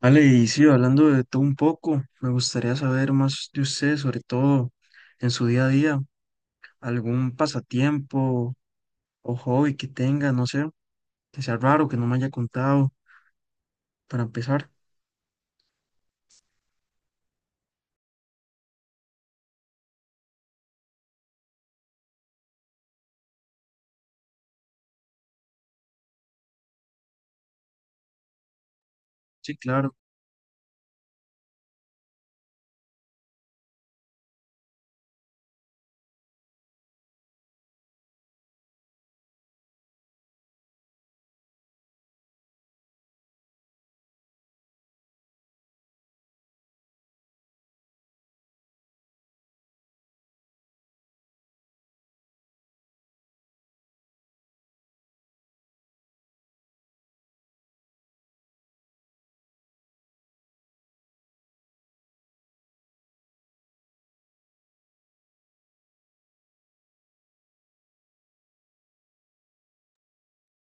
Vale, y sí, hablando de todo un poco, me gustaría saber más de usted, sobre todo en su día a día, algún pasatiempo o hobby que tenga, no sé, que sea raro, que no me haya contado, para empezar. Sí, claro.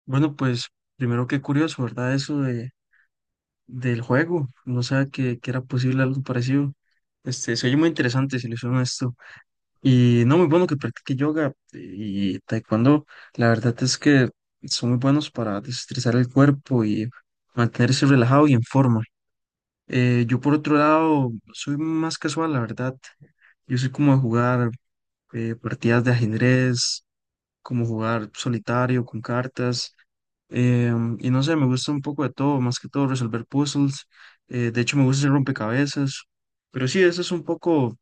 Bueno, pues primero qué curioso, ¿verdad? Eso de, del juego, no sé que era posible algo parecido. Este, se oye muy interesante si le hicieron esto. Y no, muy bueno que practique yoga y taekwondo. La verdad es que son muy buenos para desestresar el cuerpo y mantenerse relajado y en forma. Yo por otro lado no soy más casual, la verdad. Yo soy como de jugar partidas de ajedrez, como jugar solitario con cartas. Y no sé, me gusta un poco de todo, más que todo resolver puzzles. De hecho, me gusta hacer rompecabezas. Pero sí, eso es un poco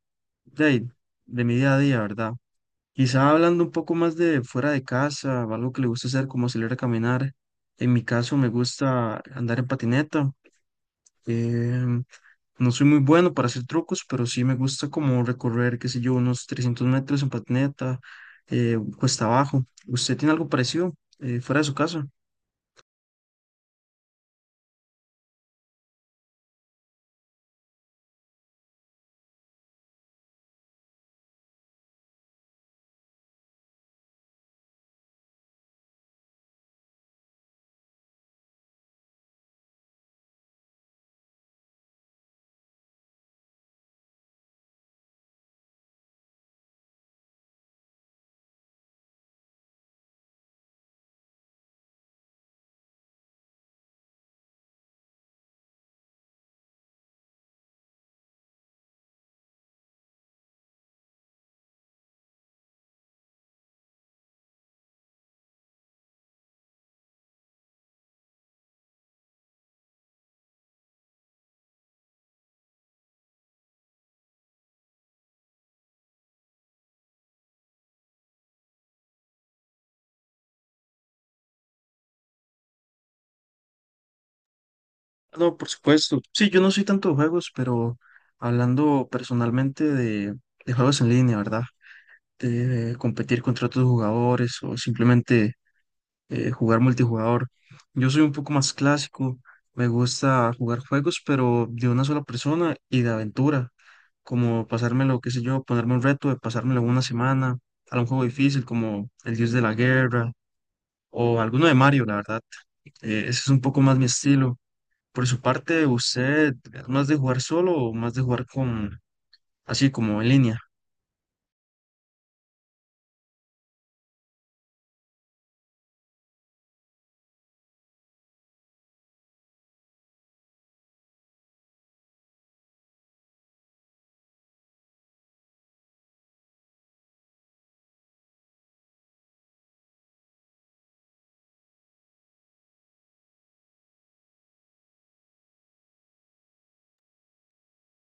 de, ahí, de mi día a día, ¿verdad? Quizá hablando un poco más de fuera de casa, o algo que le gusta hacer, como salir a caminar. En mi caso me gusta andar en patineta. Em, no soy muy bueno para hacer trucos, pero sí me gusta como recorrer, qué sé yo, unos 300 metros en patineta, cuesta abajo. ¿Usted tiene algo parecido fuera de su casa? No, por supuesto. Sí, yo no soy tanto de juegos, pero hablando personalmente de, juegos en línea, ¿verdad? De competir contra otros jugadores o simplemente jugar multijugador. Yo soy un poco más clásico, me gusta jugar juegos, pero de una sola persona y de aventura, como pasármelo, qué sé yo, ponerme un reto de pasármelo una semana, a un juego difícil como El Dios de la Guerra o alguno de Mario, la verdad. Ese es un poco más mi estilo. Por su parte, ¿usted es más de jugar solo o más de jugar con, así como en línea?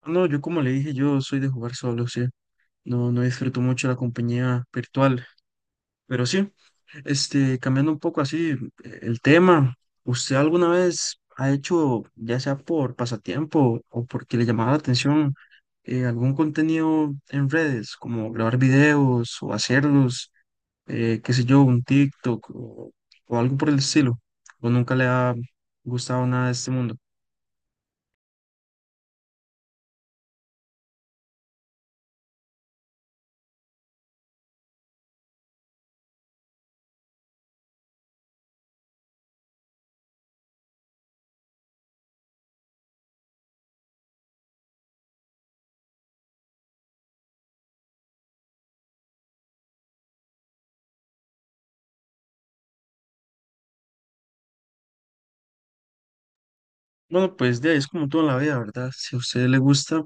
No, yo como le dije, yo soy de jugar solo, sí. No, no disfruto mucho la compañía virtual, pero sí. Este, cambiando un poco así el tema, ¿usted alguna vez ha hecho, ya sea por pasatiempo o porque le llamaba la atención, algún contenido en redes, como grabar videos o hacerlos, qué sé yo, un TikTok o algo por el estilo? ¿O nunca le ha gustado nada de este mundo? Bueno, pues de ahí es como toda la vida, ¿verdad? Si a usted le gusta,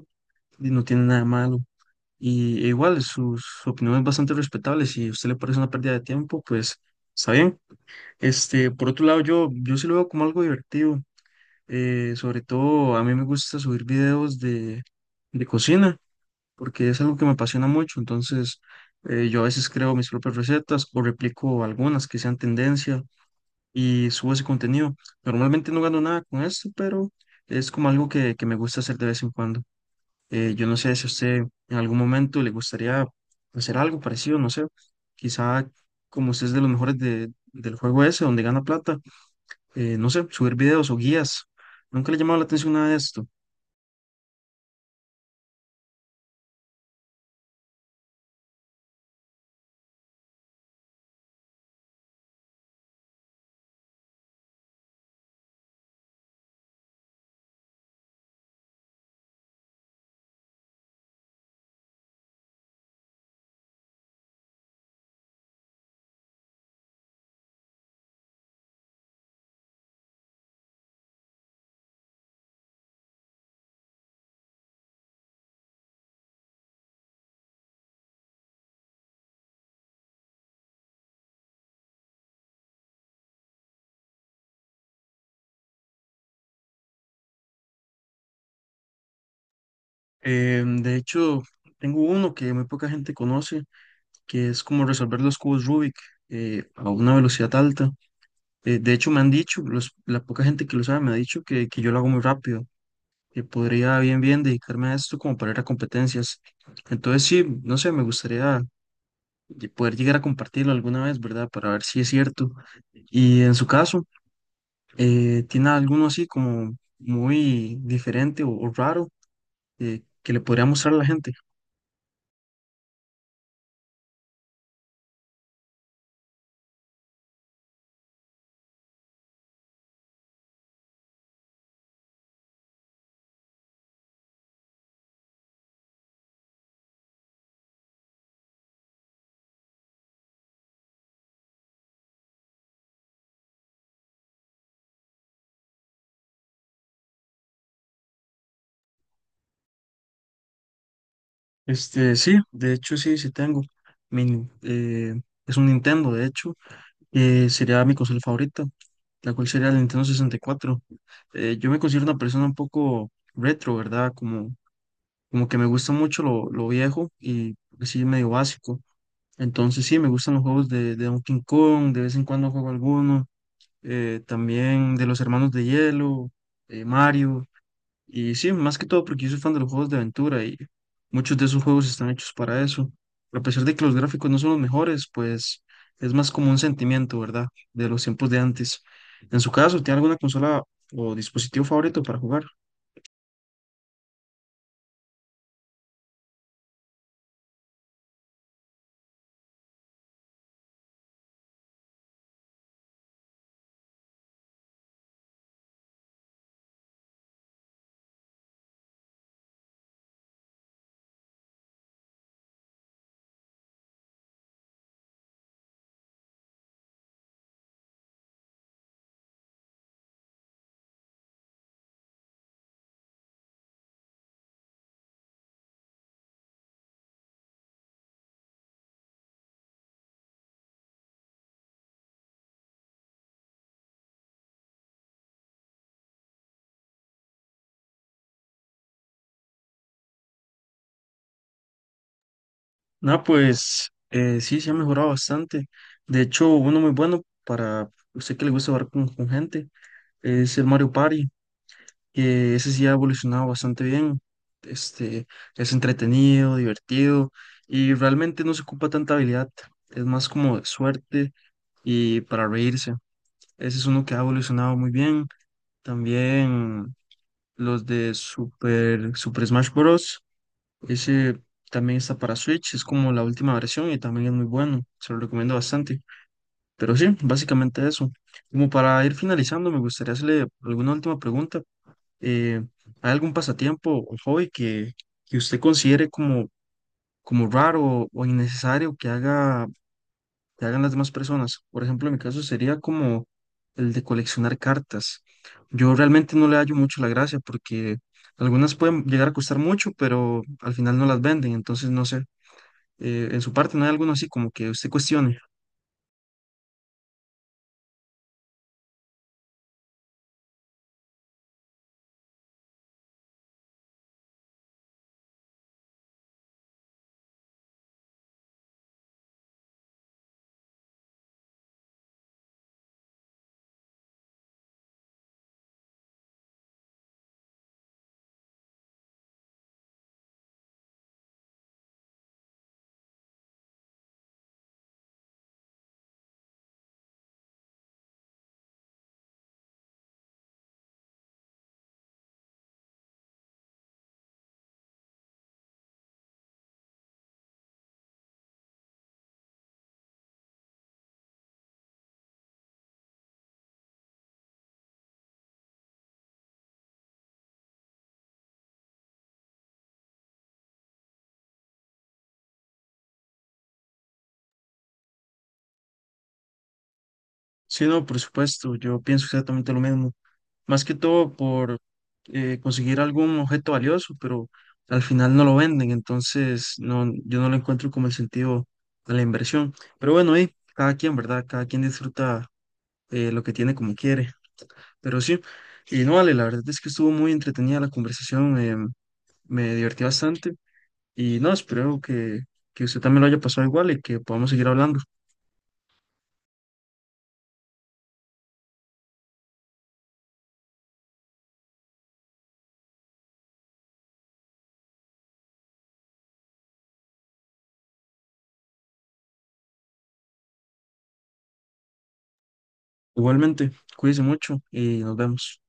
y no tiene nada de malo. E igual, sus opiniones bastante respetables. Si a usted le parece una pérdida de tiempo, pues está bien. Este, por otro lado, yo sí lo veo como algo divertido. Sobre todo, a mí me gusta subir videos de cocina, porque es algo que me apasiona mucho. Entonces, yo a veces creo mis propias recetas o replico algunas que sean tendencia y subo ese contenido. Normalmente no gano nada con esto, pero es como algo que me gusta hacer de vez en cuando. Yo no sé si a usted en algún momento le gustaría hacer algo parecido, no sé, quizá como usted es de los mejores del juego ese, donde gana plata, no sé, subir videos o guías. Nunca le ha llamado la atención nada de esto. De hecho, tengo uno que muy poca gente conoce, que es como resolver los cubos Rubik a una velocidad alta. De hecho, me han dicho, la poca gente que lo sabe me ha dicho que yo lo hago muy rápido. Que podría bien bien dedicarme a esto como para ir a competencias. Entonces sí, no sé, me gustaría poder llegar a compartirlo alguna vez, ¿verdad? Para ver si es cierto. Y en su caso, ¿tiene alguno así como muy diferente o raro que le podría mostrar a la gente? Este, sí, de hecho sí, sí tengo. Mi es un Nintendo, de hecho, sería mi consola favorita, la cual sería el Nintendo 64. Yo me considero una persona un poco retro, ¿verdad? Como que me gusta mucho lo viejo y porque sí, medio básico. Entonces sí, me gustan los juegos de, Donkey Kong, de vez en cuando juego alguno. También de los Hermanos de Hielo, Mario. Y sí, más que todo porque yo soy fan de los juegos de aventura y muchos de esos juegos están hechos para eso. A pesar de que los gráficos no son los mejores, pues es más como un sentimiento, ¿verdad? De los tiempos de antes. En su caso, ¿tiene alguna consola o dispositivo favorito para jugar? No, pues sí, se ha mejorado bastante. De hecho, uno muy bueno para usted que le gusta jugar con, gente es el Mario Party, que ese sí ha evolucionado bastante bien. Este, es entretenido, divertido y realmente no se ocupa tanta habilidad. Es más como de suerte y para reírse. Ese es uno que ha evolucionado muy bien. También los de Super Smash Bros. Ese también está para Switch, es como la última versión y también es muy bueno, se lo recomiendo bastante. Pero sí, básicamente eso. Como para ir finalizando, me gustaría hacerle alguna última pregunta. Eh, ¿Hay algún pasatiempo o hobby que usted considere como raro o innecesario que haga, que hagan las demás personas? Por ejemplo, en mi caso sería como el de coleccionar cartas. Yo realmente no le hallo mucho la gracia porque algunas pueden llegar a costar mucho, pero al final no las venden, entonces no sé en su parte, no hay alguno así como que usted cuestione. Sí, no, por supuesto, yo pienso exactamente lo mismo. Más que todo por conseguir algún objeto valioso, pero al final no lo venden, entonces no, yo no lo encuentro como el sentido de la inversión. Pero bueno, y cada quien, ¿verdad? Cada quien disfruta lo que tiene como quiere. Pero sí, y no vale, la verdad es que estuvo muy entretenida la conversación, me divertí bastante y no, espero que, usted también lo haya pasado igual y que podamos seguir hablando. Igualmente, cuídense mucho y nos vemos.